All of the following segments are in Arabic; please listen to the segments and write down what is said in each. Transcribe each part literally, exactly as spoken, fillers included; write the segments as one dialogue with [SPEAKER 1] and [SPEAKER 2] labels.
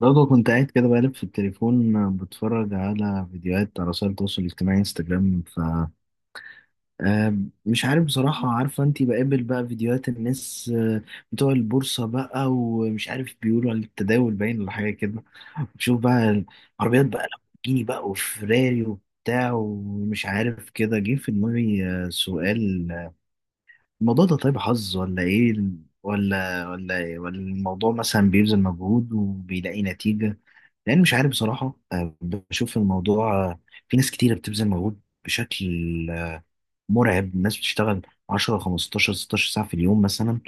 [SPEAKER 1] برضه كنت قاعد كده بقلب في التليفون، بتفرج على فيديوهات على وسائل التواصل الاجتماعي، انستجرام. ف آه، مش عارف بصراحة. عارفة انتي، بقابل بقى فيديوهات الناس، آه، بتوع البورصة بقى، ومش عارف بيقولوا على التداول باين ولا حاجة كده. بشوف بقى العربيات بقى، لامبورجيني بقى وفراري وبتاع، ومش عارف كده، جه في دماغي آه، سؤال: الموضوع ده طيب حظ ولا ايه؟ ولا ولا إيه؟ ولا الموضوع مثلا بيبذل مجهود وبيلاقي نتيجة؟ لان مش عارف بصراحة. آه، بشوف الموضوع، آه، في ناس كتيرة بتبذل مجهود بشكل آه، مرعب. الناس بتشتغل عشرة خمسة عشر ستاشر ساعة في اليوم مثلا،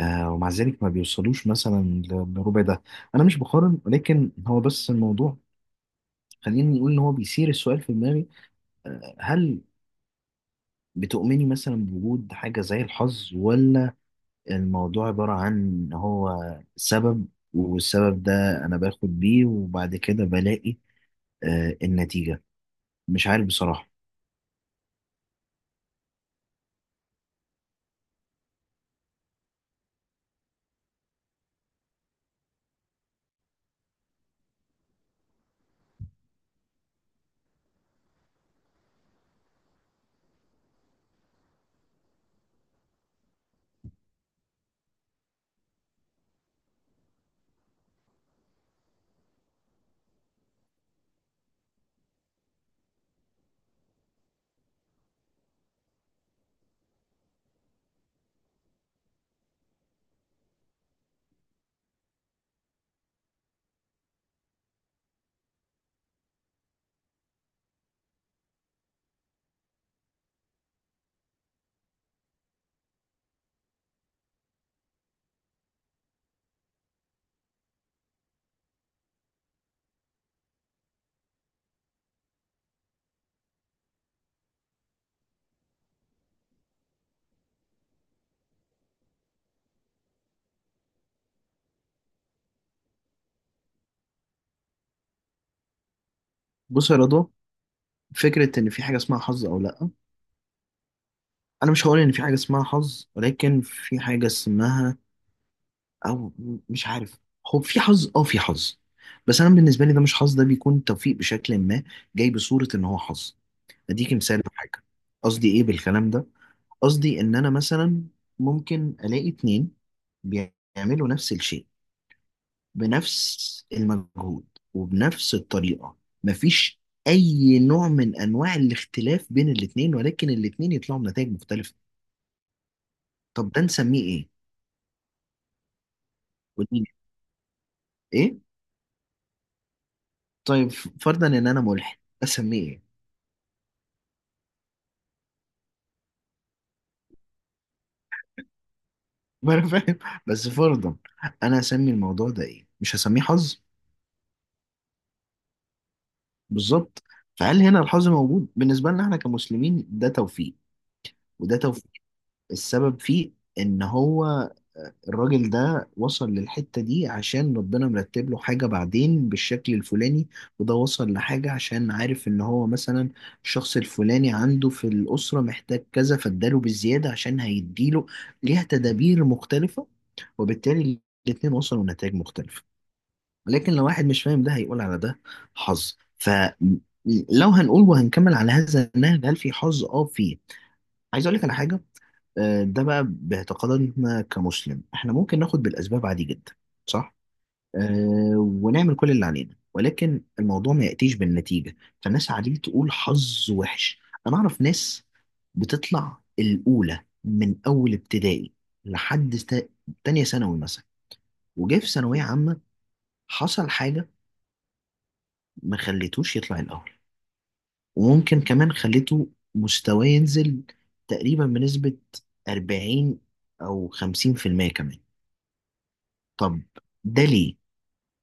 [SPEAKER 1] آه، ومع ذلك ما بيوصلوش مثلا ل- لربع ده. انا مش بقارن، ولكن هو بس الموضوع، خليني نقول ان هو بيثير السؤال في دماغي. آه، هل بتؤمني مثلا بوجود حاجة زي الحظ، ولا الموضوع عبارة عن إن هو سبب، والسبب ده أنا باخد بيه وبعد كده بلاقي آه النتيجة؟ مش عارف بصراحة. بص يا رضا، فكرة إن في حاجة اسمها حظ أو لأ. أنا مش هقول إن في حاجة اسمها حظ، ولكن في حاجة اسمها، أو مش عارف. هو في حظ، أه، في حظ، بس أنا بالنسبة لي، ده مش حظ، ده بيكون توفيق بشكل ما جاي بصورة إن هو حظ. اديكي مثال لحاجه، قصدي ايه بالكلام ده. قصدي ان انا مثلا ممكن الاقي اتنين بيعملوا نفس الشيء، بنفس المجهود وبنفس الطريقة، مفيش اي نوع من انواع الاختلاف بين الاتنين، ولكن الاتنين يطلعوا بنتائج مختلفة. طب ده نسميه ايه؟ ودي ايه؟ طيب، فرضا ان انا ملحد، اسميه ايه؟ ما انا فاهم، بس فرضا، انا اسمي الموضوع ده ايه؟ مش هسميه حظ. بالظبط. فهل هنا الحظ موجود؟ بالنسبة لنا احنا كمسلمين، ده توفيق. وده توفيق، السبب فيه ان هو الراجل ده وصل للحتة دي عشان ربنا مرتب له حاجة بعدين بالشكل الفلاني، وده وصل لحاجة عشان عارف ان هو مثلا الشخص الفلاني عنده في الأسرة محتاج كذا، فاداله بالزيادة عشان هيديله ليها تدابير مختلفة، وبالتالي الاتنين وصلوا لنتائج مختلفة. لكن لو واحد مش فاهم ده، هيقول على ده حظ. فلو هنقول وهنكمل على هذا النهج، هل في حظ؟ اه، فيه. عايز اقول لك على حاجه. آه، ده بقى باعتقادنا كمسلم، احنا ممكن ناخد بالاسباب عادي جدا، صح. آه، ونعمل كل اللي علينا، ولكن الموضوع ما ياتيش بالنتيجه، فالناس عادي تقول حظ وحش. انا اعرف ناس بتطلع الاولى من اول ابتدائي لحد تا- تانية ثانوي مثلا، وجه في ثانويه عامه حصل حاجه ما خليتوش يطلع الأول، وممكن كمان خليته مستواه ينزل تقريبا بنسبة أربعين أو خمسين في المية كمان. طب، ده ليه؟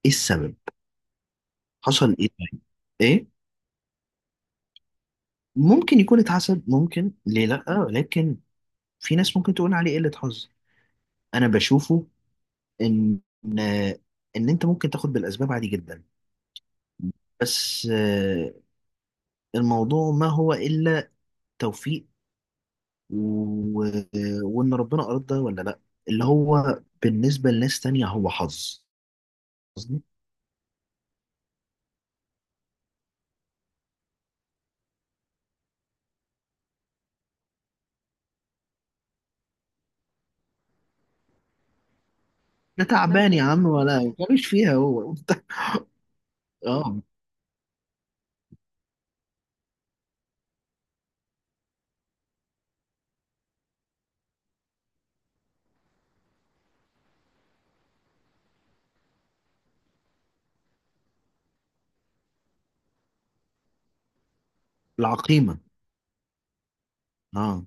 [SPEAKER 1] إيه السبب؟ حصل إيه طيب؟ إيه؟ ممكن يكون اتحسد، ممكن، ليه لأ، لكن في ناس ممكن تقول عليه قلة حظ. أنا بشوفه إن إن أنت ممكن تاخد بالأسباب عادي جدا، بس آه، الموضوع ما هو إلا توفيق، و... وان ربنا اراد ده ولا لا، اللي هو بالنسبه لناس تانية هو حظ، قصدي. ده تعبان، يا ممكن عم، ولا ملوش فيها هو. اه. العقيمه. اه،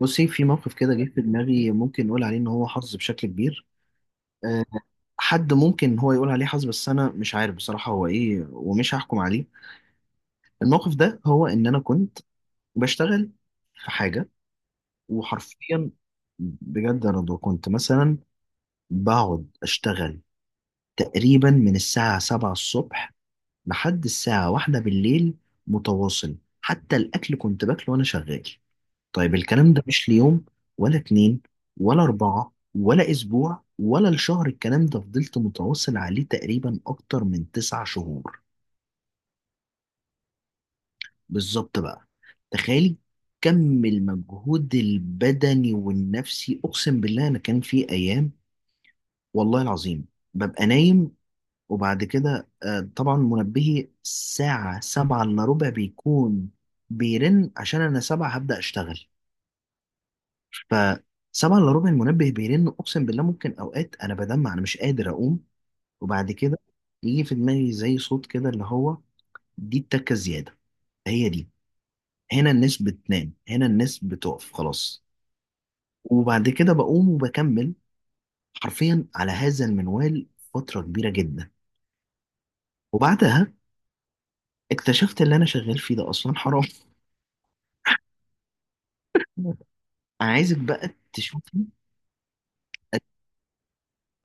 [SPEAKER 1] بصي في موقف كده جه في دماغي ممكن نقول عليه ان هو حظ بشكل كبير. آه، حد ممكن هو يقول عليه حظ، بس انا مش عارف بصراحه هو ايه، ومش هحكم عليه. الموقف ده، هو ان انا كنت بشتغل في حاجه، وحرفيا بجد انا كنت مثلا بقعد اشتغل تقريبا من الساعة سبعة الصبح لحد الساعة واحدة بالليل متواصل، حتى الأكل كنت باكله وأنا شغال. طيب، الكلام ده مش ليوم ولا اتنين ولا أربعة ولا أسبوع ولا الشهر، الكلام ده فضلت متواصل عليه تقريبا أكتر من تسع شهور. بالظبط بقى، تخيلي كم المجهود البدني والنفسي. أقسم بالله أنا كان في أيام، والله العظيم، ببقى نايم، وبعد كده آه، طبعا منبهي الساعة سبعة إلا ربع بيكون بيرن، عشان أنا سبعة هبدأ أشتغل. فسبعة إلا ربع المنبه بيرن، أقسم بالله ممكن أوقات أنا بدمع، أنا مش قادر أقوم. وبعد كده يجي في دماغي زي صوت كده اللي هو: دي التكة زيادة، هي دي، هنا الناس بتنام، هنا الناس بتقف خلاص. وبعد كده بقوم وبكمل، حرفيا على هذا المنوال فترة كبيرة جدا. وبعدها اكتشفت اللي أنا شغال فيه ده أصلا حرام. انا عايزك بقى تشوفي،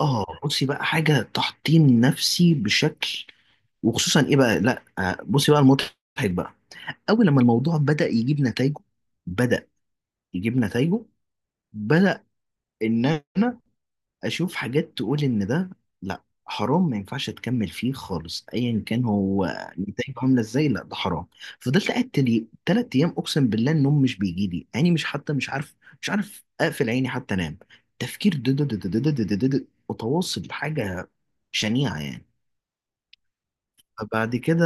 [SPEAKER 1] اه، بصي بقى، حاجه تحطيم نفسي بشكل. وخصوصا ايه بقى، لا آه، بصي بقى المضحك بقى. اول لما الموضوع بدا يجيب نتائجه، بدا يجيب نتائجه بدا ان انا اشوف حاجات تقول ان ده لا، حرام، ما ينفعش تكمل فيه خالص، ايا كان هو نتائجه عامله ازاي، لا ده حرام. فضلت قاعد تلي تلات ايام، اقسم بالله النوم مش بيجي لي عيني، مش حتى مش عارف مش عارف اقفل عيني حتى انام. تفكير دد- دد- دد- دد- دد- دد- دد- متواصل، حاجه شنيعه يعني. فبعد كده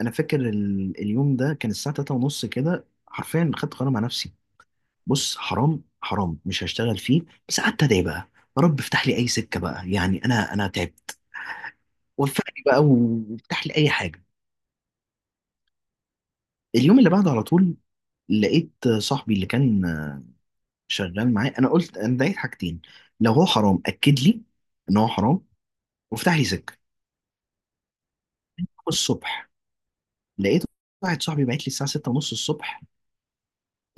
[SPEAKER 1] انا فاكر ال- اليوم ده كان الساعه تلاتة ونص كده، حرفيا خدت قرار مع نفسي، بص حرام، حرام، مش هشتغل فيه. بس قعدت ادعي بقى، يا رب افتح لي اي سكه بقى، يعني انا انا تعبت، وفقني بقى وافتح لي اي حاجه. اليوم اللي بعده على طول لقيت صاحبي اللي كان شغال معايا، انا قلت انا دعيت حاجتين: لو هو حرام اكد لي ان هو حرام، وافتح لي سكه. الصبح لقيت واحد صاحبي بعت لي الساعه ستة ونص الصبح،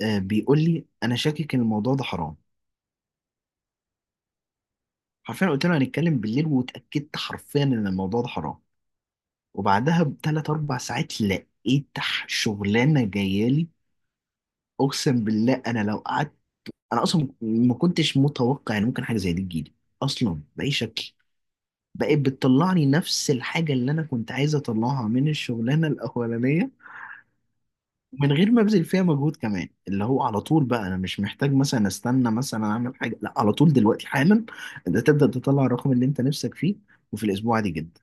[SPEAKER 1] آه، بيقول لي انا شاكك ان الموضوع ده حرام. حرفيا قلت له هنتكلم بالليل، واتاكدت حرفيا ان الموضوع ده حرام. وبعدها بثلاث اربع ساعات لقيت شغلانه جايه لي. اقسم بالله انا لو قعدت، انا اصلا ما كنتش متوقع ان ممكن حاجه زي دي تجيلي اصلا باي شكل. بقت بتطلعني نفس الحاجه اللي انا كنت عايز اطلعها من الشغلانه الاولانيه، من غير ما ابذل فيها مجهود كمان. اللي هو على طول بقى، انا مش محتاج مثلا استنى مثلا اعمل حاجه، لا، على طول دلوقتي حالا انت تبدا تطلع الرقم اللي انت نفسك فيه، وفي الاسبوع عادي جدا.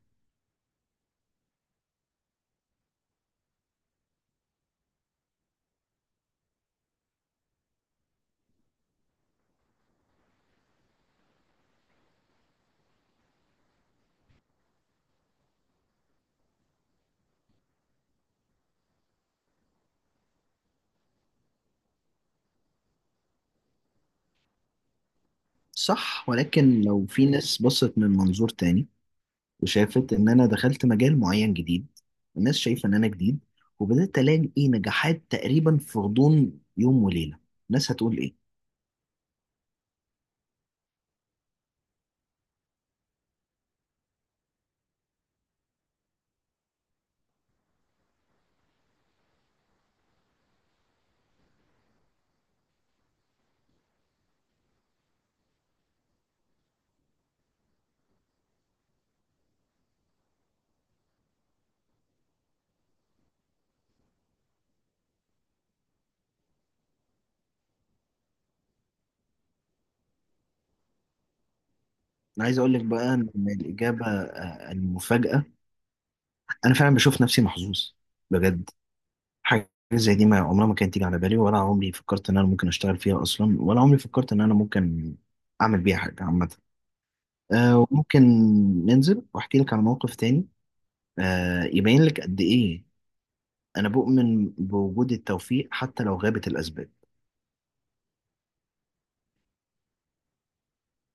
[SPEAKER 1] صح، ولكن لو في ناس بصت من منظور تاني وشافت ان انا دخلت مجال معين جديد، الناس شايفه ان انا جديد، وبدات الاقي نجاحات تقريبا في غضون يوم وليله، الناس هتقول ايه؟ انا عايز اقول لك بقى ان الاجابه، آه، المفاجاه، انا فعلا بشوف نفسي محظوظ بجد. حاجه زي دي ما عمرها ما كانت تيجي على بالي، ولا عمري فكرت ان انا ممكن اشتغل فيها اصلا، ولا عمري فكرت ان انا ممكن اعمل بيها حاجه عامه. آه، وممكن ننزل واحكي لك عن موقف تاني، آه، يبين لك قد ايه أنا بؤمن بوجود التوفيق حتى لو غابت الأسباب.